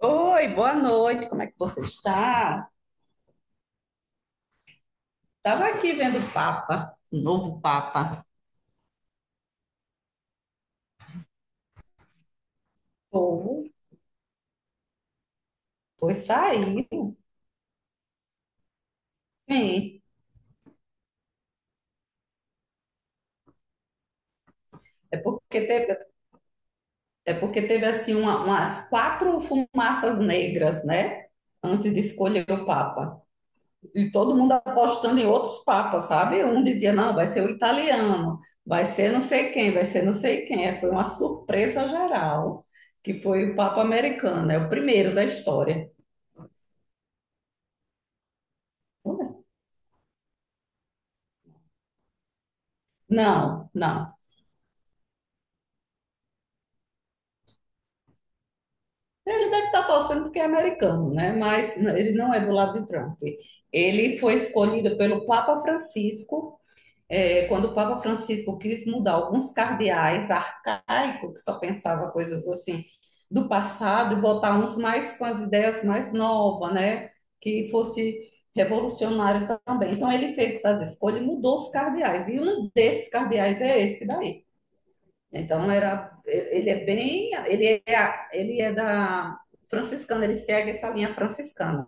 Oi, boa noite, como é que você está? Estava aqui vendo o Papa, o novo Papa. Pô, pois saiu. Sim, é porque teve, é porque teve assim umas quatro fumaças negras, né? Antes de escolher o Papa. E todo mundo apostando em outros papas, sabe? Um dizia, não, vai ser o italiano, vai ser não sei quem, vai ser não sei quem. É, foi uma surpresa geral, que foi o Papa americano, é o primeiro da história. Não, não. Ele deve estar torcendo porque é americano, né? Mas ele não é do lado de Trump. Ele foi escolhido pelo Papa Francisco, quando o Papa Francisco quis mudar alguns cardeais arcaicos, que só pensava coisas assim do passado, e botar uns mais com as ideias mais novas, né? Que fosse revolucionário também. Então ele fez essas escolhas e mudou os cardeais. E um desses cardeais é esse daí. Então era, ele é bem, ele é da franciscana, ele segue essa linha franciscana.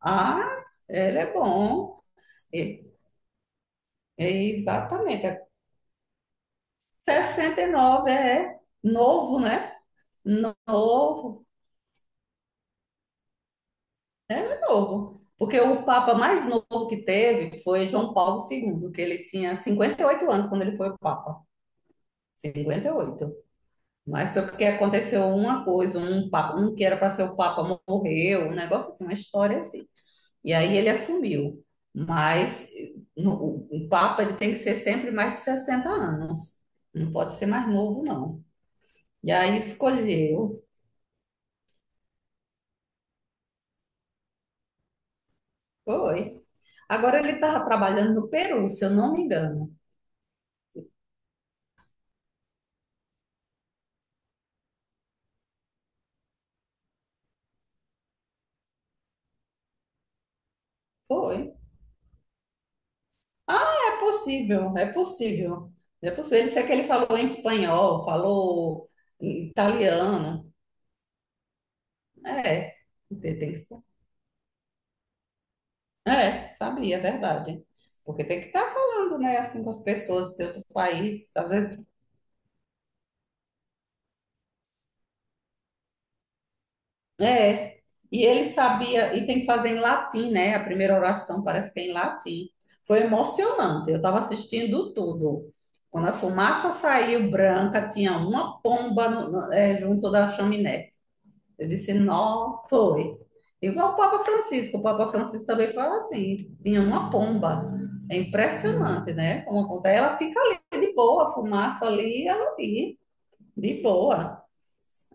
Ah, ele é bom. E- É exatamente. 69 é novo, né? Novo, é novo. Porque o papa mais novo que teve foi João Paulo II, que ele tinha 58 anos quando ele foi o papa. Cinquenta e oito Mas foi porque aconteceu uma coisa, um que era para ser o Papa morreu, um negócio assim, uma história assim. E aí ele assumiu. Mas eh, no- o Papa ele tem que ser sempre mais de 60 anos. Não pode ser mais novo, não. E aí escolheu. Foi. Agora ele estava trabalhando no Peru, se eu não me engano. Foi. É possível, é possível. É possível. Ele sei que ele falou em espanhol, falou em italiano. É. Tem tem que É, sabia, é verdade. Porque tem que estar falando, né, assim, com as pessoas do outro país, às vezes. É. E ele sabia, e tem que fazer em latim, né? A primeira oração parece que é em latim. Foi emocionante, eu estava assistindo tudo. Quando a fumaça saiu branca, tinha uma pomba junto da chaminé. Eu disse, não, foi. Igual o Papa Francisco também fala assim, tinha uma pomba. É impressionante, né? Como acontece. Ela fica ali de boa, a fumaça ali, ela ali, de boa.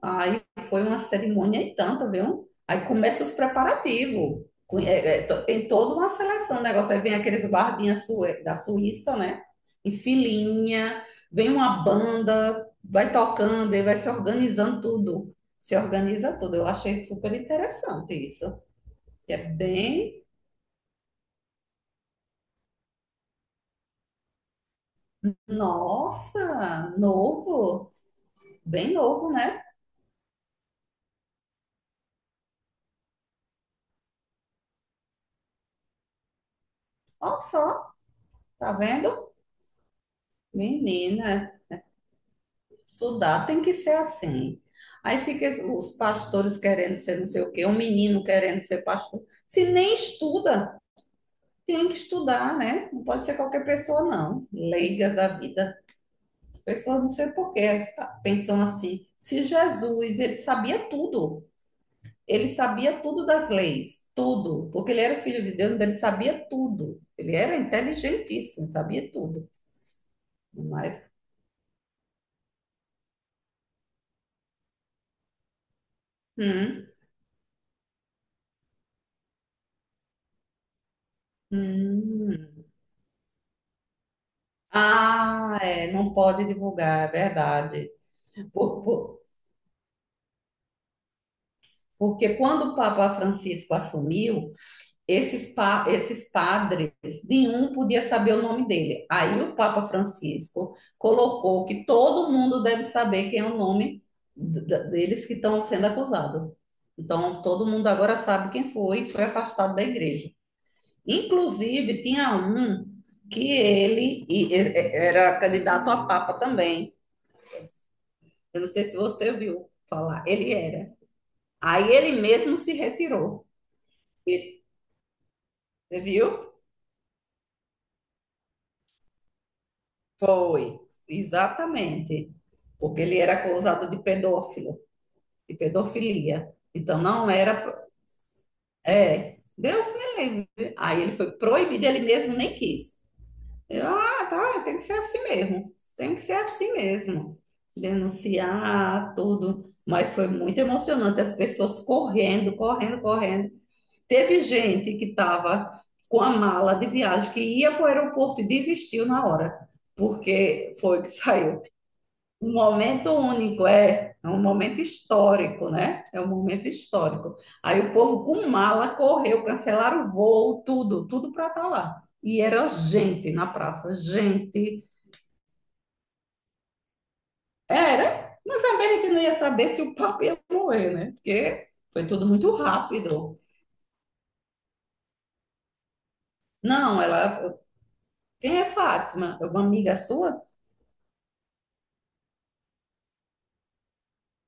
Aí foi uma cerimônia e tanta, viu? Aí começa os preparativos. Tem toda uma seleção, o negócio. Aí vem aqueles guardinhas da Suíça, né? Em filinha, vem uma banda, vai tocando e vai se organizando tudo. Se organiza tudo. Eu achei super interessante isso. Que é bem, nossa, novo. Bem novo, né? Olha só, tá vendo? Menina. Estudar tem que ser assim. Aí fica os pastores querendo ser não sei o quê, um menino querendo ser pastor. Se nem estuda, tem que estudar, né? Não pode ser qualquer pessoa, não. Leiga da vida. As pessoas não sei por quê, pensam assim. Se Jesus, ele sabia tudo. Ele sabia tudo das leis, tudo. Porque ele era filho de Deus, então ele sabia tudo. Ele era inteligentíssimo, sabia tudo. Mas, hum, hum. Ah, é, não pode divulgar, é verdade. Por- por- Porque quando o Papa Francisco assumiu, esses padres, nenhum podia saber o nome dele. Aí o Papa Francisco colocou que todo mundo deve saber quem é o nome deles que estão sendo acusados. Então, todo mundo agora sabe quem foi e foi afastado da igreja. Inclusive, tinha um que era candidato a Papa também. Eu não sei se você viu falar. Ele era. Aí ele mesmo se retirou. Ele- Você viu? Foi. Exatamente. Porque ele era acusado de pedófilo, de pedofilia. Então não era. É. Deus me livre. Aí ele foi proibido, ele mesmo nem quis. Eu, ah, tá, tem que ser assim mesmo. Tem que ser assim mesmo. Denunciar tudo. Mas foi muito emocionante, as pessoas correndo, correndo, correndo. Teve gente que estava com a mala de viagem que ia para o aeroporto e desistiu na hora, porque foi que saiu. Um momento único, é um momento histórico, né? É um momento histórico. Aí o povo com mala correu, cancelaram o voo, tudo, tudo para estar lá. E era gente na praça, gente. Era, mas também a gente não ia saber se o papo ia morrer, né? Porque foi tudo muito rápido. Não, ela. Quem é Fátima? Alguma amiga sua?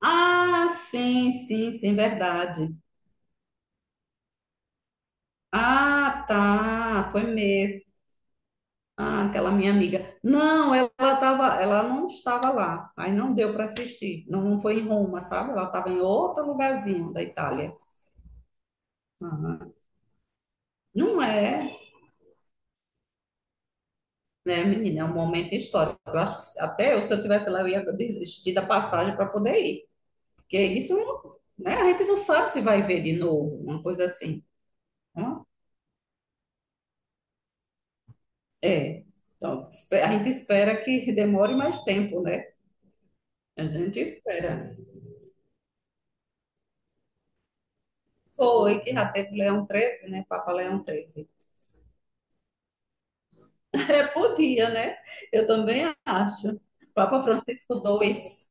Ah, sim, sim, sim, verdade. Ah, tá, foi mesmo. Ah, aquela minha amiga. Não, ela tava, ela não estava lá. Aí não deu para assistir. Não, não foi em Roma, sabe? Ela estava em outro lugarzinho da Itália. Ah, não é, né, menina? É um momento histórico. Eu acho que até eu, se eu tivesse lá, eu ia desistir da passagem para poder ir. Porque isso, né? A gente não sabe se vai ver de novo, uma coisa assim. né? É, então, a gente espera que demore mais tempo, né? A gente espera. Foi que já teve Leão XIII, né? Papa Leão XIII. É, podia, né? Eu também acho. Papa Francisco II.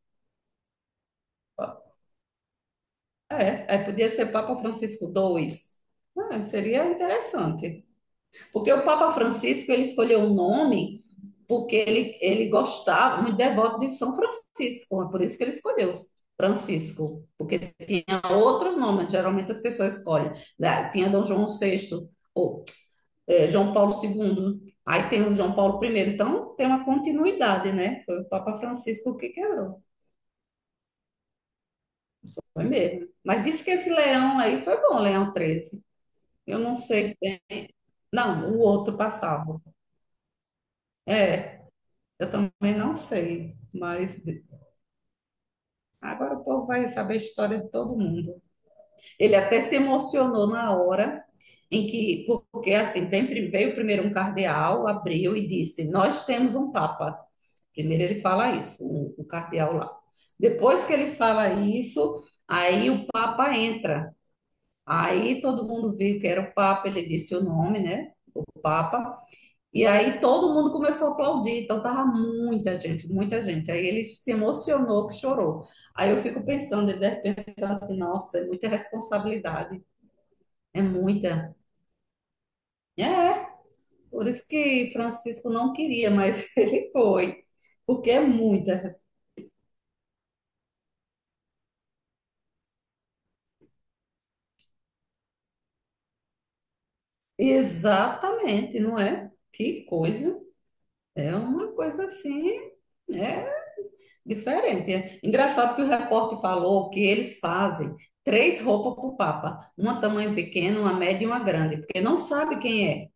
É, podia ser Papa Francisco II. Ah, seria interessante. Porque o Papa Francisco ele escolheu o nome porque ele gostava, muito devoto de São Francisco, é por isso que ele escolheu Francisco, porque tinha outros nomes, geralmente as pessoas escolhem. Né? Tinha Dom João VI, ou é, João Paulo II, aí tem o João Paulo I, então tem uma continuidade, né? Foi o Papa Francisco que quebrou, foi mesmo. Mas disse que esse leão aí foi bom, Leão XIII. Eu não sei bem. Não, o outro passava. É, eu também não sei, mas agora o povo vai saber a história de todo mundo. Ele até se emocionou na hora em que, porque assim, veio primeiro um cardeal, abriu e disse: Nós temos um papa. Primeiro ele fala isso, o cardeal lá. Depois que ele fala isso, aí o papa entra. Aí todo mundo viu que era o papa, ele disse o nome, né? O papa. E aí todo mundo começou a aplaudir, então tava muita gente, muita gente. Aí ele se emocionou que chorou. Aí eu fico pensando, ele deve pensar assim, nossa, é muita responsabilidade, é muita. É, por isso que Francisco não queria, mas ele foi, porque é muita. Exatamente, não é? Que coisa. É uma coisa assim, né? Diferente. Engraçado que o repórter falou que eles fazem três roupas para o Papa, uma tamanho pequeno, uma média e uma grande, porque não sabe quem é.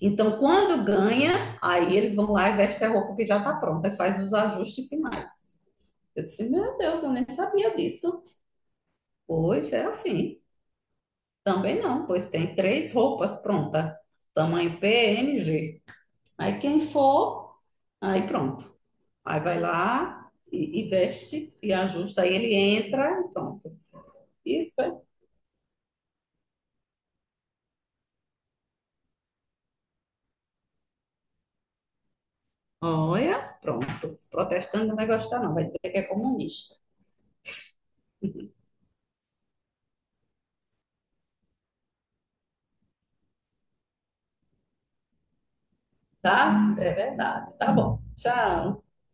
Então, quando ganha, aí eles vão lá e vestem a roupa que já está pronta e faz os ajustes finais. Eu disse, meu Deus, eu nem sabia disso. Pois é assim. Também não, pois tem três roupas prontas, tamanho PMG. Aí quem for, aí pronto. Aí vai lá e veste e ajusta, aí ele entra e pronto. Isso, é. Olha, pronto. Protestante não vai gostar, não. Vai dizer que é comunista. Tá? É verdade. Tá bom. Tchau.